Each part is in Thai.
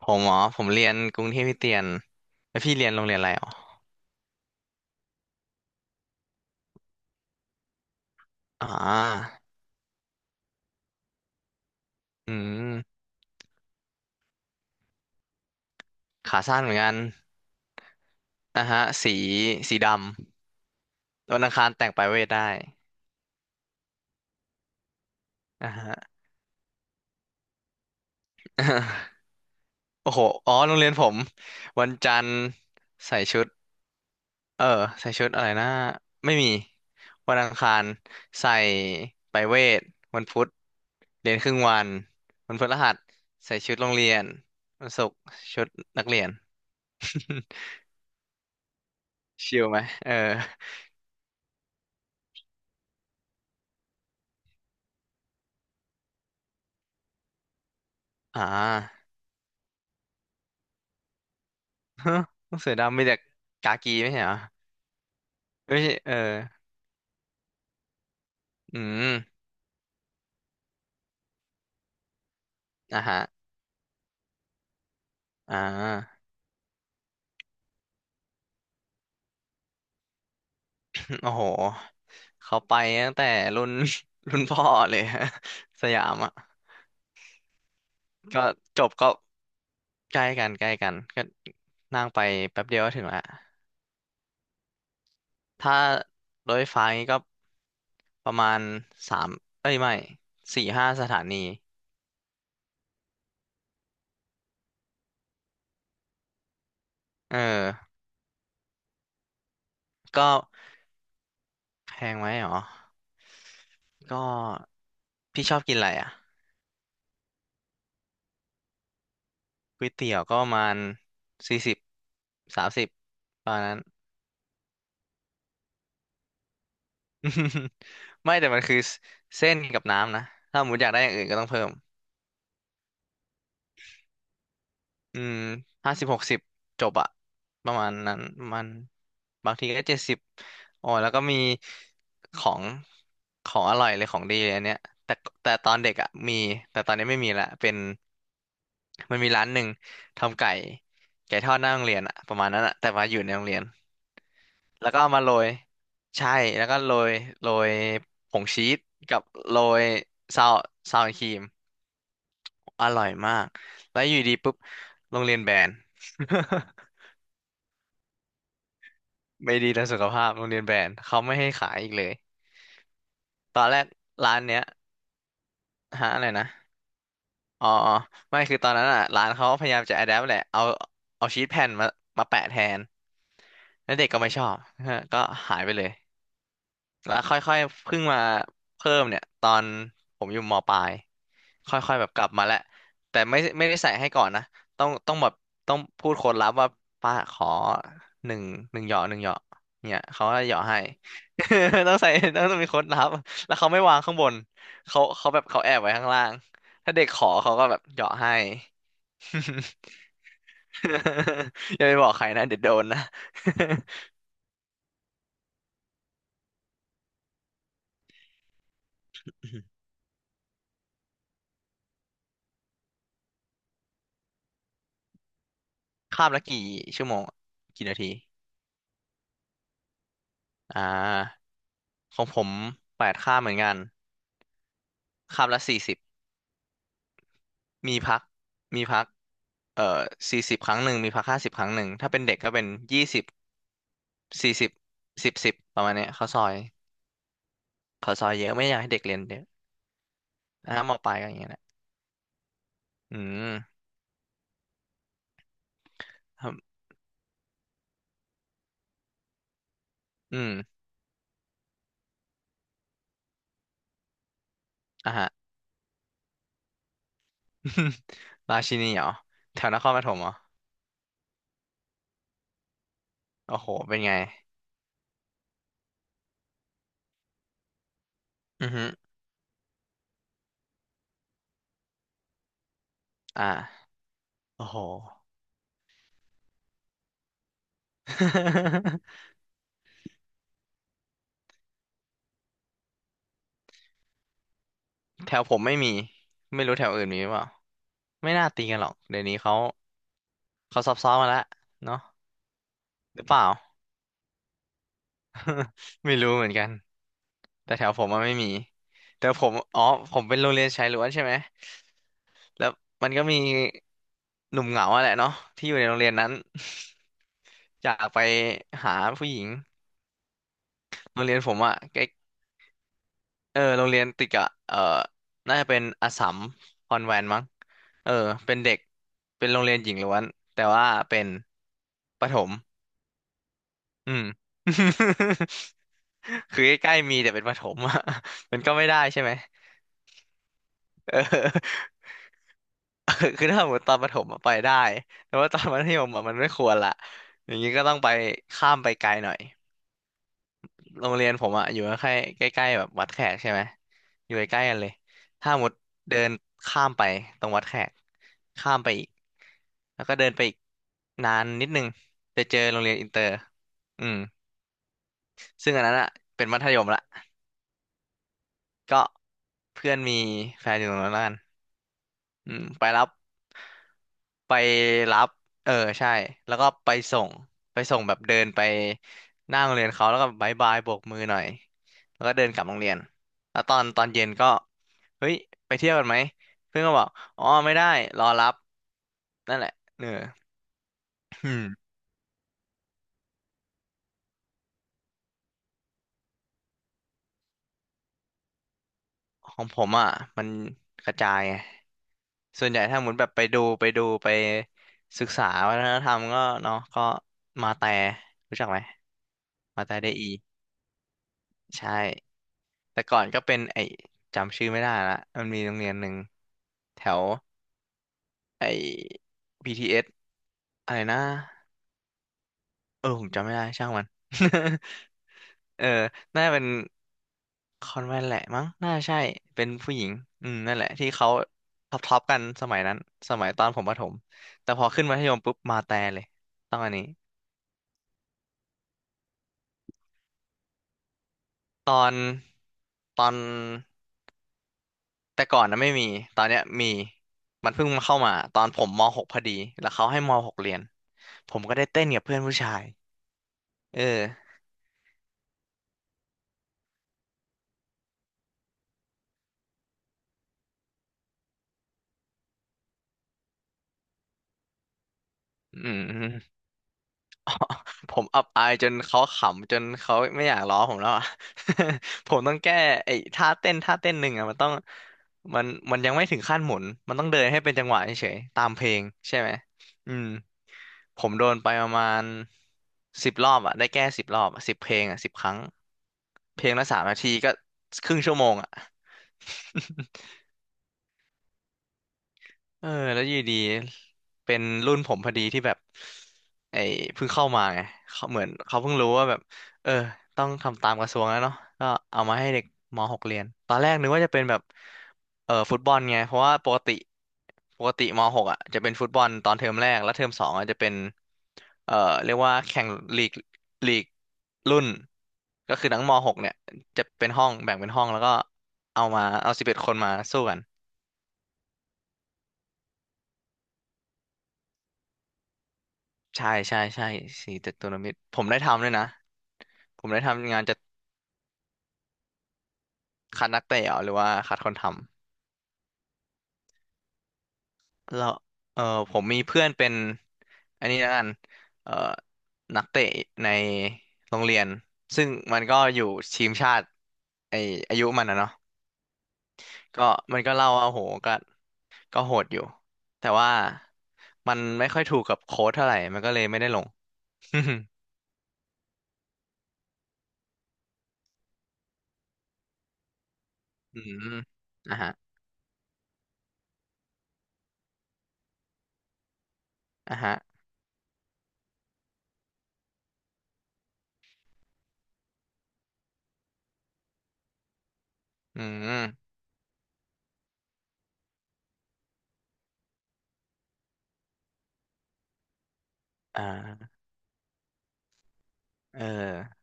ผมผมเรียนกรุงเทพคริสเตียนแล้วพี่เรียนโรงเรียนอะไรอ๋ออ่าอืมขาสั้นเหมือนกันนะฮะสีสีดำวันอังคารแต่งปลายเวทได้นะฮะ โอ้โหอ๋อโรงเรียนผมวันจันทร์ใส่ชุดเออใส่ชุดอะไรนะไม่มีวันอังคารใส่ไปลายเวทวันพุธเรียนครึ่งวันวันพฤหัสใส่ชุดโรงเรียนวันศุกร์ชุดนักเรียน ชิลไหมเออ อ่า ฮะเสือดำมีแต่กากีไม่ใช่เหรอไม่ใช่เอออืมอ่ะฮะอ่าโอ้โหเขาไปตั้งแต่รุ่น รุ่นพ่อเลย ฮะสยามอ่ะก็จบก็ใกล้กันก็นั่งไปแป๊บเดียวก็ถึงละถ้ารถไฟฟ้านี่ก็ประมาณสามเอ้ยไม่สี่ห้าสถานีเออก็แพงไหมหรอก็พี่ชอบกินอะไรอ่ะ ก๋วยเตี๋ยวก็ประมาณ4030ประมาณนั้น ไม่แต่มันคือเส้นกับน้ำนะถ้าสมมติอยากได้อย่างอื่นก็ต้องเพิ่มอืม50 60จบอะประมาณนั้นประมันบางทีก็70โอ้ยแล้วก็มีของของอร่อยเลยของดีเลยอันเนี้ยแต่แต่ตอนเด็กอะมีแต่ตอนนี้ไม่มีละเป็นมันมีร้านหนึ่งทำไก่ไก่ทอดหน้าโรงเรียนอะประมาณนั้นอะแต่ว่าอยู่ในโรงเรียน แล้วก็เอามาโรยใช่แล้วก็โรยโรยผงชีสกับโรยซาวซาวครีมอร่อยมากแล้วอยู่ดีปุ๊บโรงเรียนแบน ไม่ดีต่อสุขภาพโรงเรียนแบนเขาไม่ให้ขายอีกเลยตอนแรกร้านเนี้ยฮะอะไรนะอ๋ออ๋อไม่คือตอนนั้นอ่ะร้านเขาพยายามจะ adapt แหละเอาเอาชีทแผ่นมามาแปะแทนแล้วเด็กก็ไม่ชอบฮะก็หายไปเลย แล้วค่อยๆเพิ่งมาเพิ่มเนี่ยตอนผมอยู่มปลายค่อยๆแบบกลับมาแล้วแต่ไม่ได้ใส่ให้ก่อนนะต้องแบบต้องพูดโค้ดลับว่าป้าขอหนึ่งหนึ่งเหยาะเนี่ยเขาก็เหยาะให้ ต้องใส่ต้องมีโค้ดลับแล้วเขาไม่วางข้างบนเขาแบบเขาแอบไว้ข้างล่างถ้าเด็กขอเขาก็แบบเหยาะให้ อย่าไปบอกใครนะเดี๋ยวโดนนะ ข้ามละกี่ชั่วโมงกี่นาทีอ่า ของผมแปดข้ามเหมือนกันข้ามละสี่สิบมีพักมีพักเอ่อสี่สิบครั้งหนึ่งมีพักห้าสิบครั้งหนึ่งถ้าเป็นเด็กก็เป็น20สี่สิบสิบสิบประมาณเนี้ยเขาวซอยเขาวซอยเยอะไม่อยากให้เด็กเรียนเยอะนะฮะมอปลายก็อย่างเงี้ยแหละอืมครับอืมอ่ะฮะ ราชินีเหรอแถวนครปฐมเหรอโอ้โหเป็นไงอือฮึอ่าโอ้โห แถวผมไม่มีไม่รู้แถวอื่นมีหรือเปล่าไม่น่าตีกันหรอกเดี๋ยวนี้เขาเขาซอฟต์ๆมาแล้วเนาะ หรือเปล่า ไม่รู้เหมือนกันแต่แถวผมมันไม่มีแต่ผมอ๋อผมเป็นโรงเรียนชายล้วนใช่ไหมแล้วมันก็มีหนุ่มเหงาอะแหละเนาะที่อยู่ในโรงเรียนนั้น อยากไปหาผู้หญิงโรงเรียนผมอะใกล้เออโรงเรียนติดกับเออน่าจะเป็นอัสสัมคอนแวนต์มั้งเออเป็นเด็กเป็นโรงเรียนหญิงล้วนแต่ว่าเป็นประถมอืม คือใกล้ๆมีแต่เป็นประถมอะ มันก็ไม่ได้ใช่ไหม เออ คือถ้าสมมติตอนประถมอะไปได้แต่ว่าตอนมัธยมอะมันไม่ควรละอย่างนี้ก็ต้องไปข้ามไปไกลหน่อยโรงเรียนผมอะอยู่ใกล้ใกล้ๆแบบวัดแขกใช่ไหมอยู่ใกล้ๆกันเลยถ้าหมดเดินข้ามไปตรงวัดแขกข้ามไปอีกแล้วก็เดินไปอีกนานนิดนึงจะเจอโรงเรียนอินเตอร์อืมซึ่งอันนั้นอะเป็นมัธยมละก็เพื่อนมีแฟนอยู่ตรงนั้นแล้วกัน อืมไปรับไปรับเออใช่แล้วก็ไปส่งไปส่งแบบเดินไปหน้าโรงเรียนเขาแล้วก็บายบายโบกมือหน่อยแล้วก็เดินกลับโรงเรียนแล้วตอนตอนเย็นก็เฮ้ยไปเที่ยวกันไหมเพื่อนก็บอกอ๋อไม่ได้รอรับนั่นแหละเอออืมของผมอ่ะมันกระจายไงส่วนใหญ่ถ้าหมุนแบบไปดูไปดูไปศึกษาวัฒนธรรมก็เนาะก็มาแต่รู้จักไหมมาแต่ไดอี ใช่ แต่ก่อนก็เป็นไอ้จำชื่อไม่ได้ละมันมีโรงเรียนหนึ่งแถวไอ้ BTS อสอะไรนะเออผมจำไม่ได้ ช่างมัน เออน่าจะเป็นคอนแวนต์แหละมั้ง น่าใช่ เป็นผู้หญิง อืมนั่นแหละที่เขาท็อปท็อปกันสมัยนั้น สมัยตอนผมประถมแต่พอขึ้นมัธยมปุ๊บมาแต่เลยต้องอันนี้ ตอน ตอน แต่ก่อนนะไม่มี ตอนเนี้ยมี มันเพิ่งมาเข้ามาตอนผมม .6 พอดีแล้วเขาให้ม .6 เรียน ผมก็ได้เต้นกับเพื่อนผู้ชาย เอออืม ผมอับอายจนเขาขำจนเขาไม่อยากล้อผมแล้วอ่ะ ผมต้องแก้ไอ้ท่าเต้นหนึ่งอ่ะมันต้องมันมันยังไม่ถึงขั้นหมุนมันต้องเดินให้เป็นจังหวะเฉยๆตามเพลงใช่ไหมอืมผมโดนไปประมาณสิบรอบอ่ะได้แก้สิบรอบ10 เพลงอ่ะ10 ครั้งเพลงละ3 นาทีก็ครึ่งชั่วโมงอ่ะ เออแล้วอยู่ดีเป็นรุ่นผมพอดีที่แบบไอ้เพิ่งเข้ามาไงเขาเหมือนเขาเพิ่งรู้ว่าแบบเออต้องทำตามกระทรวงแล้วเนาะก็เอามาให้เด็กม .6 เรียนตอนแรกนึกว่าจะเป็นแบบเออฟุตบอลไงเพราะว่าปกติปกติม .6 อ่ะจะเป็นฟุตบอลตอนเทอมแรกแล้วเทอมสองอ่ะจะเป็นเออเรียกว่าแข่งลีกลีกรุ่นก็คือทั้งม .6 เนี่ยจะเป็นห้องแบ่งเป็นห้องแล้วก็เอา11 คนมาสู้กัน ใช่ใช่ใช่สี่เจ็ดทัวรนมิตรผมได้ทำด้วยนะผมได้ทำงานจะคัดนักเตะเหรอหรือว่าคัดคนทำแล้วเออผมมีเพื่อนเป็นอันนี้แล้วกันเออนักเตะในโรงเรียนซึ่งมันก็อยู่ทีมชาติไออายุมันนะเนาะมันก็เล่าว่าโหก็ก็โหดอยู่แต่ว่ามันไม่ค่อยถูกกับโค้ชเท่าไหร่มันก็เลยไม่ได้ลง อืมอ่ะฮะอ่ะฮะอืมอ่าเออ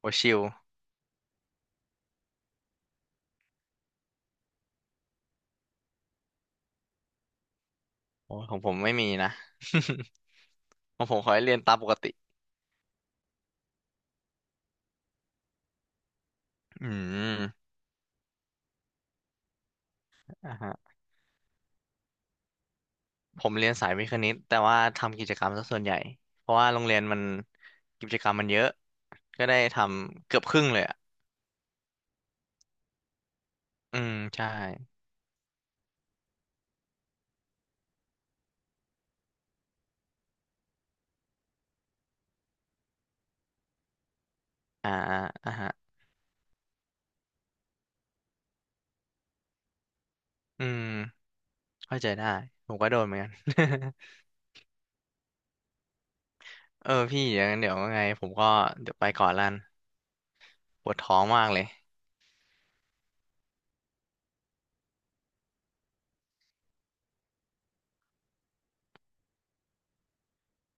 โอชิลโอ้ของผมไม่มีนะ ของผมขอให้เรียนตามปกติอืมอ่าฮะผมเรียนสายวิทย์คณิตแต่ว่าทำกิจกรรมซะส่วนใหญ่ เพราะว่าโรงเรียนมันกิจกรรมมันเยอะ ก็ได้ทำเกือบครึ่งเลยอ่ะ อืมใช่ อ่าอ่าฮะอืมเข้าใจได้ ผมก็โดนเหมือนกัน เออพี่อย่างนั้นเดี๋ยวว่าไง ผมก็เดี๋ยวไปก่อนละกันปวดท้องมากเลย